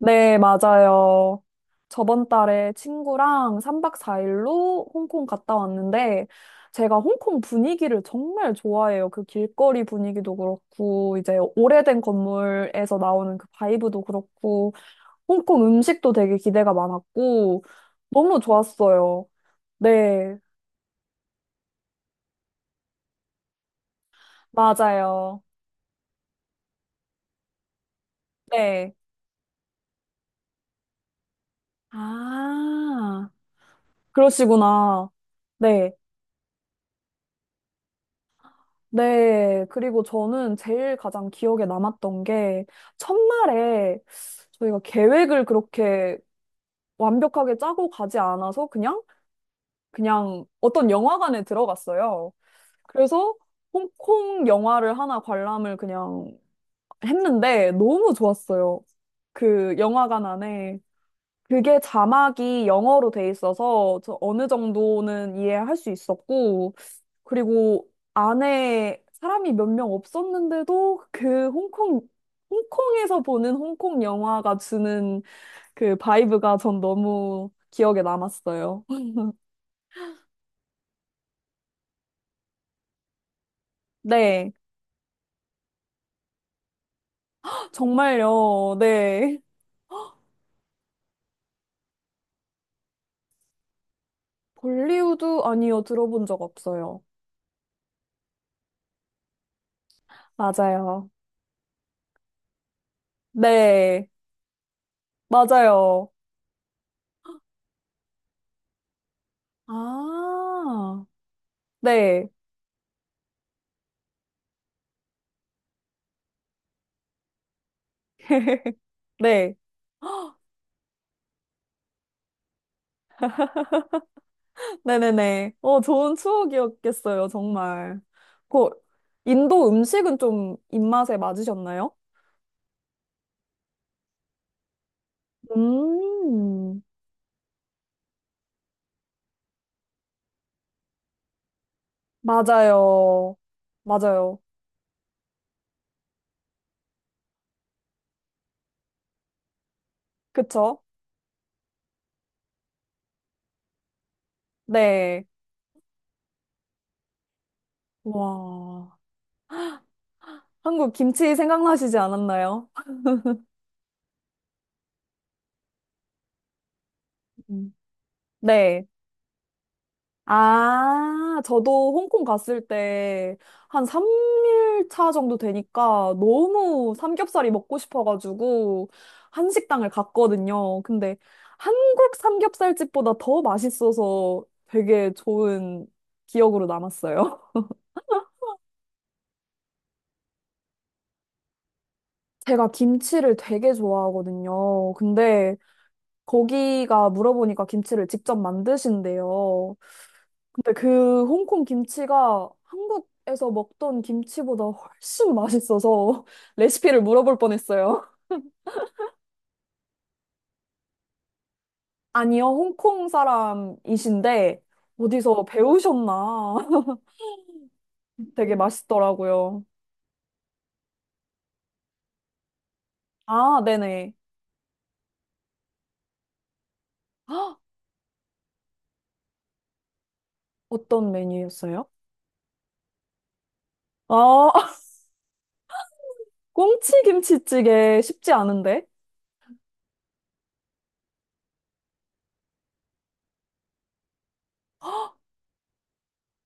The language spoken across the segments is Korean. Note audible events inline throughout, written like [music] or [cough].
네, 맞아요. 저번 달에 친구랑 3박 4일로 홍콩 갔다 왔는데, 제가 홍콩 분위기를 정말 좋아해요. 그 길거리 분위기도 그렇고, 이제 오래된 건물에서 나오는 그 바이브도 그렇고, 홍콩 음식도 되게 기대가 많았고, 너무 좋았어요. 네, 맞아요. 네. 아, 그러시구나. 네. 네, 그리고 저는 제일 가장 기억에 남았던 게 첫날에 저희가 계획을 그렇게 완벽하게 짜고 가지 않아서 그냥 어떤 영화관에 들어갔어요. 그래서 홍콩 영화를 하나 관람을 그냥 했는데 너무 좋았어요. 그 영화관 안에 그게 자막이 영어로 돼 있어서 저 어느 정도는 이해할 수 있었고, 그리고 안에 사람이 몇 명 없었는데도 그 홍콩에서 보는 홍콩 영화가 주는 그 바이브가 전 너무 기억에 남았어요. [laughs] 네. 정말요. 네. 볼리우드, 아니요. 들어본 적 없어요. 맞아요. 네. 맞아요. 아. 네. [laughs] 네. 네네네. 어, 좋은 추억이었겠어요, 정말. 그, 인도 음식은 좀 입맛에 맞으셨나요? 음, 맞아요. 맞아요. 그쵸? 네. 와, 한국 김치 생각나시지 않았나요? [laughs] 음. 네. 아, 저도 홍콩 갔을 때 한 3일 차 정도 되니까 너무 삼겹살이 먹고 싶어가지고 한식당을 갔거든요. 근데 한국 삼겹살집보다 더 맛있어서 되게 좋은 기억으로 남았어요. [laughs] 제가 김치를 되게 좋아하거든요. 근데 거기가 물어보니까 김치를 직접 만드신대요. 근데 그 홍콩 김치가 한국에서 먹던 김치보다 훨씬 맛있어서 [laughs] 레시피를 물어볼 뻔했어요. 아니요, 홍콩 사람이신데 어디서 배우셨나? [laughs] 되게 맛있더라고요. 아, 네네. 헉, 어떤 메뉴였어요? 아, [laughs] 꽁치 김치찌개 쉽지 않은데?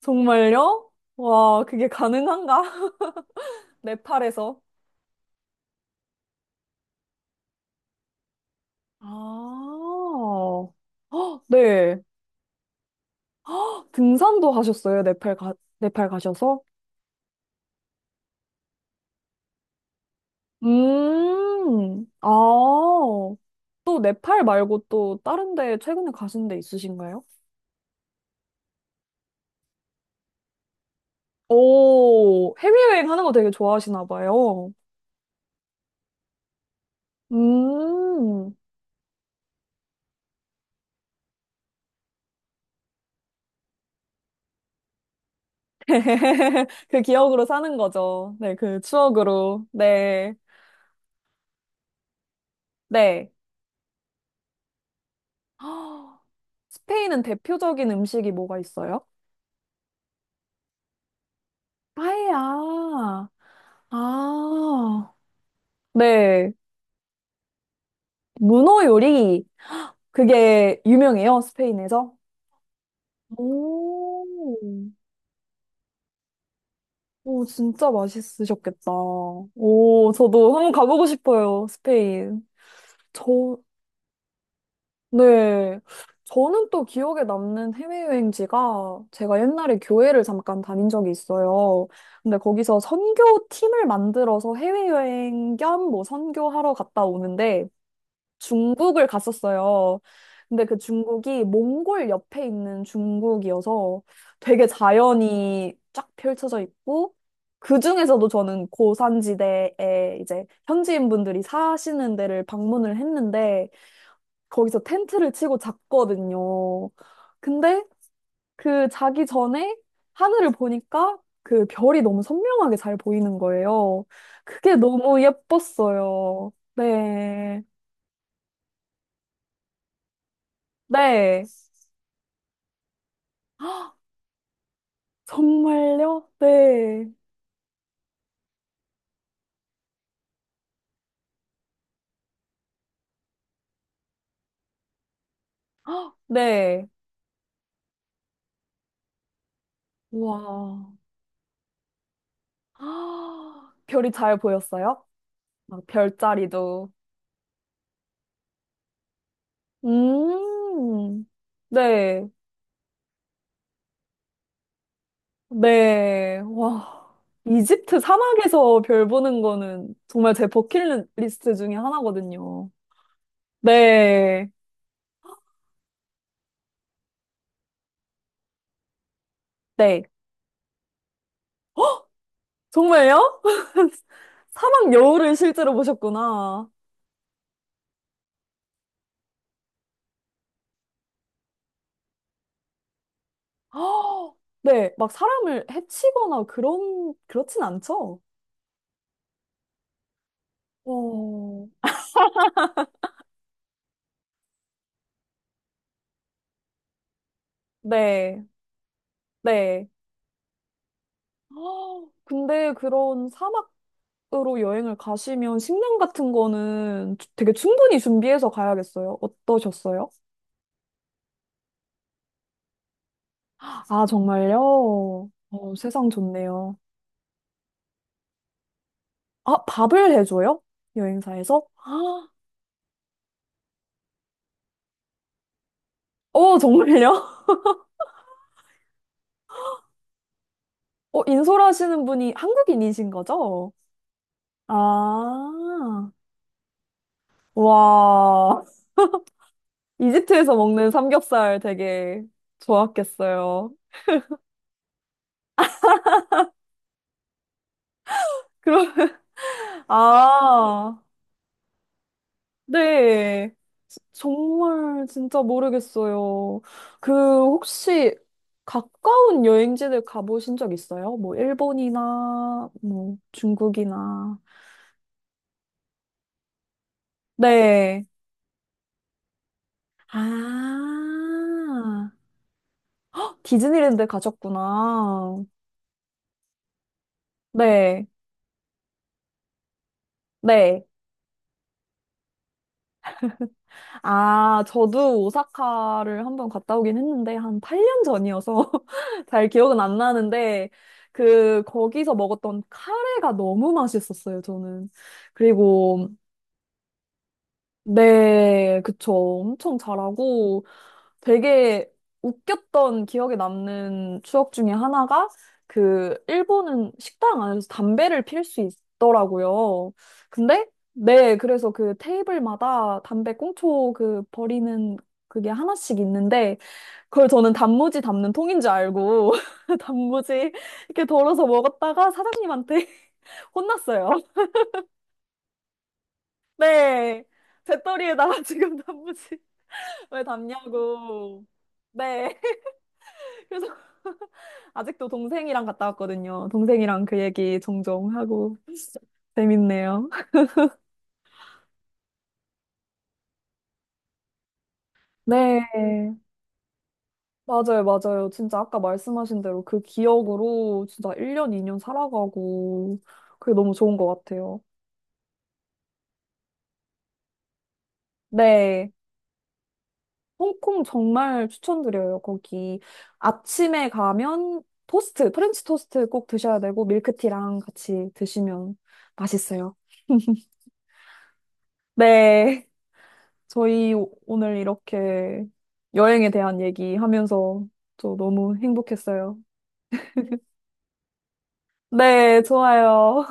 정말요? 와, 그게 가능한가? [laughs] 네팔에서. 아, 헉, 네. 등산도 하셨어요? 네팔 가셔서? 아, 또 네팔 말고 또 다른 데 최근에 가신 데 있으신가요? 오, 해외여행 하는 거 되게 좋아하시나 봐요. 음, [laughs] 그 기억으로 사는 거죠. 네, 그 추억으로. 네, 네. [gasps] 스페인은 대표적인 음식이 뭐가 있어요? 파에야. 아, 네. 문어 요리. 그게 유명해요, 스페인에서? 오, 오, 진짜 맛있으셨겠다. 오, 저도 한번 가보고 싶어요, 스페인. 저, 네. 저는 또 기억에 남는 해외여행지가, 제가 옛날에 교회를 잠깐 다닌 적이 있어요. 근데 거기서 선교 팀을 만들어서 해외여행 겸 뭐 선교하러 갔다 오는데 중국을 갔었어요. 근데 그 중국이 몽골 옆에 있는 중국이어서 되게 자연이 쫙 펼쳐져 있고, 그 중에서도 저는 고산지대에 이제 현지인분들이 사시는 데를 방문을 했는데 거기서 텐트를 치고 잤거든요. 근데 그 자기 전에 하늘을 보니까 그 별이 너무 선명하게 잘 보이는 거예요. 그게 너무 예뻤어요. 네. 네. 아, 정말요? 네. 아, 네. 와. 아, 별이 잘 보였어요? 막 별자리도. 음. 네. 네. 와. 이집트 사막에서 별 보는 거는 정말 제 버킷리스트 중에 하나거든요. 네. 네. 정말요? [laughs] 사막 여우를 실제로 보셨구나. 아, 네. 막 사람을 해치거나 그런, 그렇진 않죠? 어, 네, 네. 헉, 근데 그런 사막으로 여행을 가시면 식량 같은 거는 되게 충분히 준비해서 가야겠어요. 어떠셨어요? 아, 정말요? 어, 세상 좋네요. 아, 밥을 해줘요? 여행사에서? 아, 어, 정말요? [laughs] 어, 인솔하시는 분이 한국인이신 거죠? 아, 와. 이집트에서 먹는 삼겹살 되게 좋았겠어요. 그럼, 아. 네. 정말 진짜 모르겠어요. 그, 혹시 가까운 여행지들 가보신 적 있어요? 뭐 일본이나 뭐 중국이나. 네. 아. 헉, 디즈니랜드 가셨구나. 네. 네. 아, 저도 오사카를 한번 갔다 오긴 했는데, 한 8년 전이어서 [laughs] 잘 기억은 안 나는데, 그, 거기서 먹었던 카레가 너무 맛있었어요, 저는. 그리고 네, 그쵸. 엄청 잘하고 되게 웃겼던 기억에 남는 추억 중에 하나가, 그 일본은 식당 안에서 담배를 필 수 있더라고요. 근데 네, 그래서 그 테이블마다 담배 꽁초 그 버리는 그게 하나씩 있는데 그걸 저는 단무지 담는 통인 줄 알고 [laughs] 단무지 이렇게 덜어서 먹었다가 사장님한테 [laughs] 혼났어요. 네. 배터리에다가 [laughs] 지금 단무지 왜 닮냐고. 네. [laughs] 그래서 아직도. 동생이랑 갔다 왔거든요. 동생이랑 그 얘기 종종 하고. 재밌네요. 네. 맞아요, 맞아요. 진짜 아까 말씀하신 대로 그 기억으로 진짜 1년, 2년 살아가고 그게 너무 좋은 것 같아요. 네. 홍콩 정말 추천드려요. 거기 아침에 가면 토스트, 프렌치 토스트 꼭 드셔야 되고 밀크티랑 같이 드시면 맛있어요. 네. 저희 오늘 이렇게 여행에 대한 얘기하면서 저 너무 행복했어요. 네, 좋아요.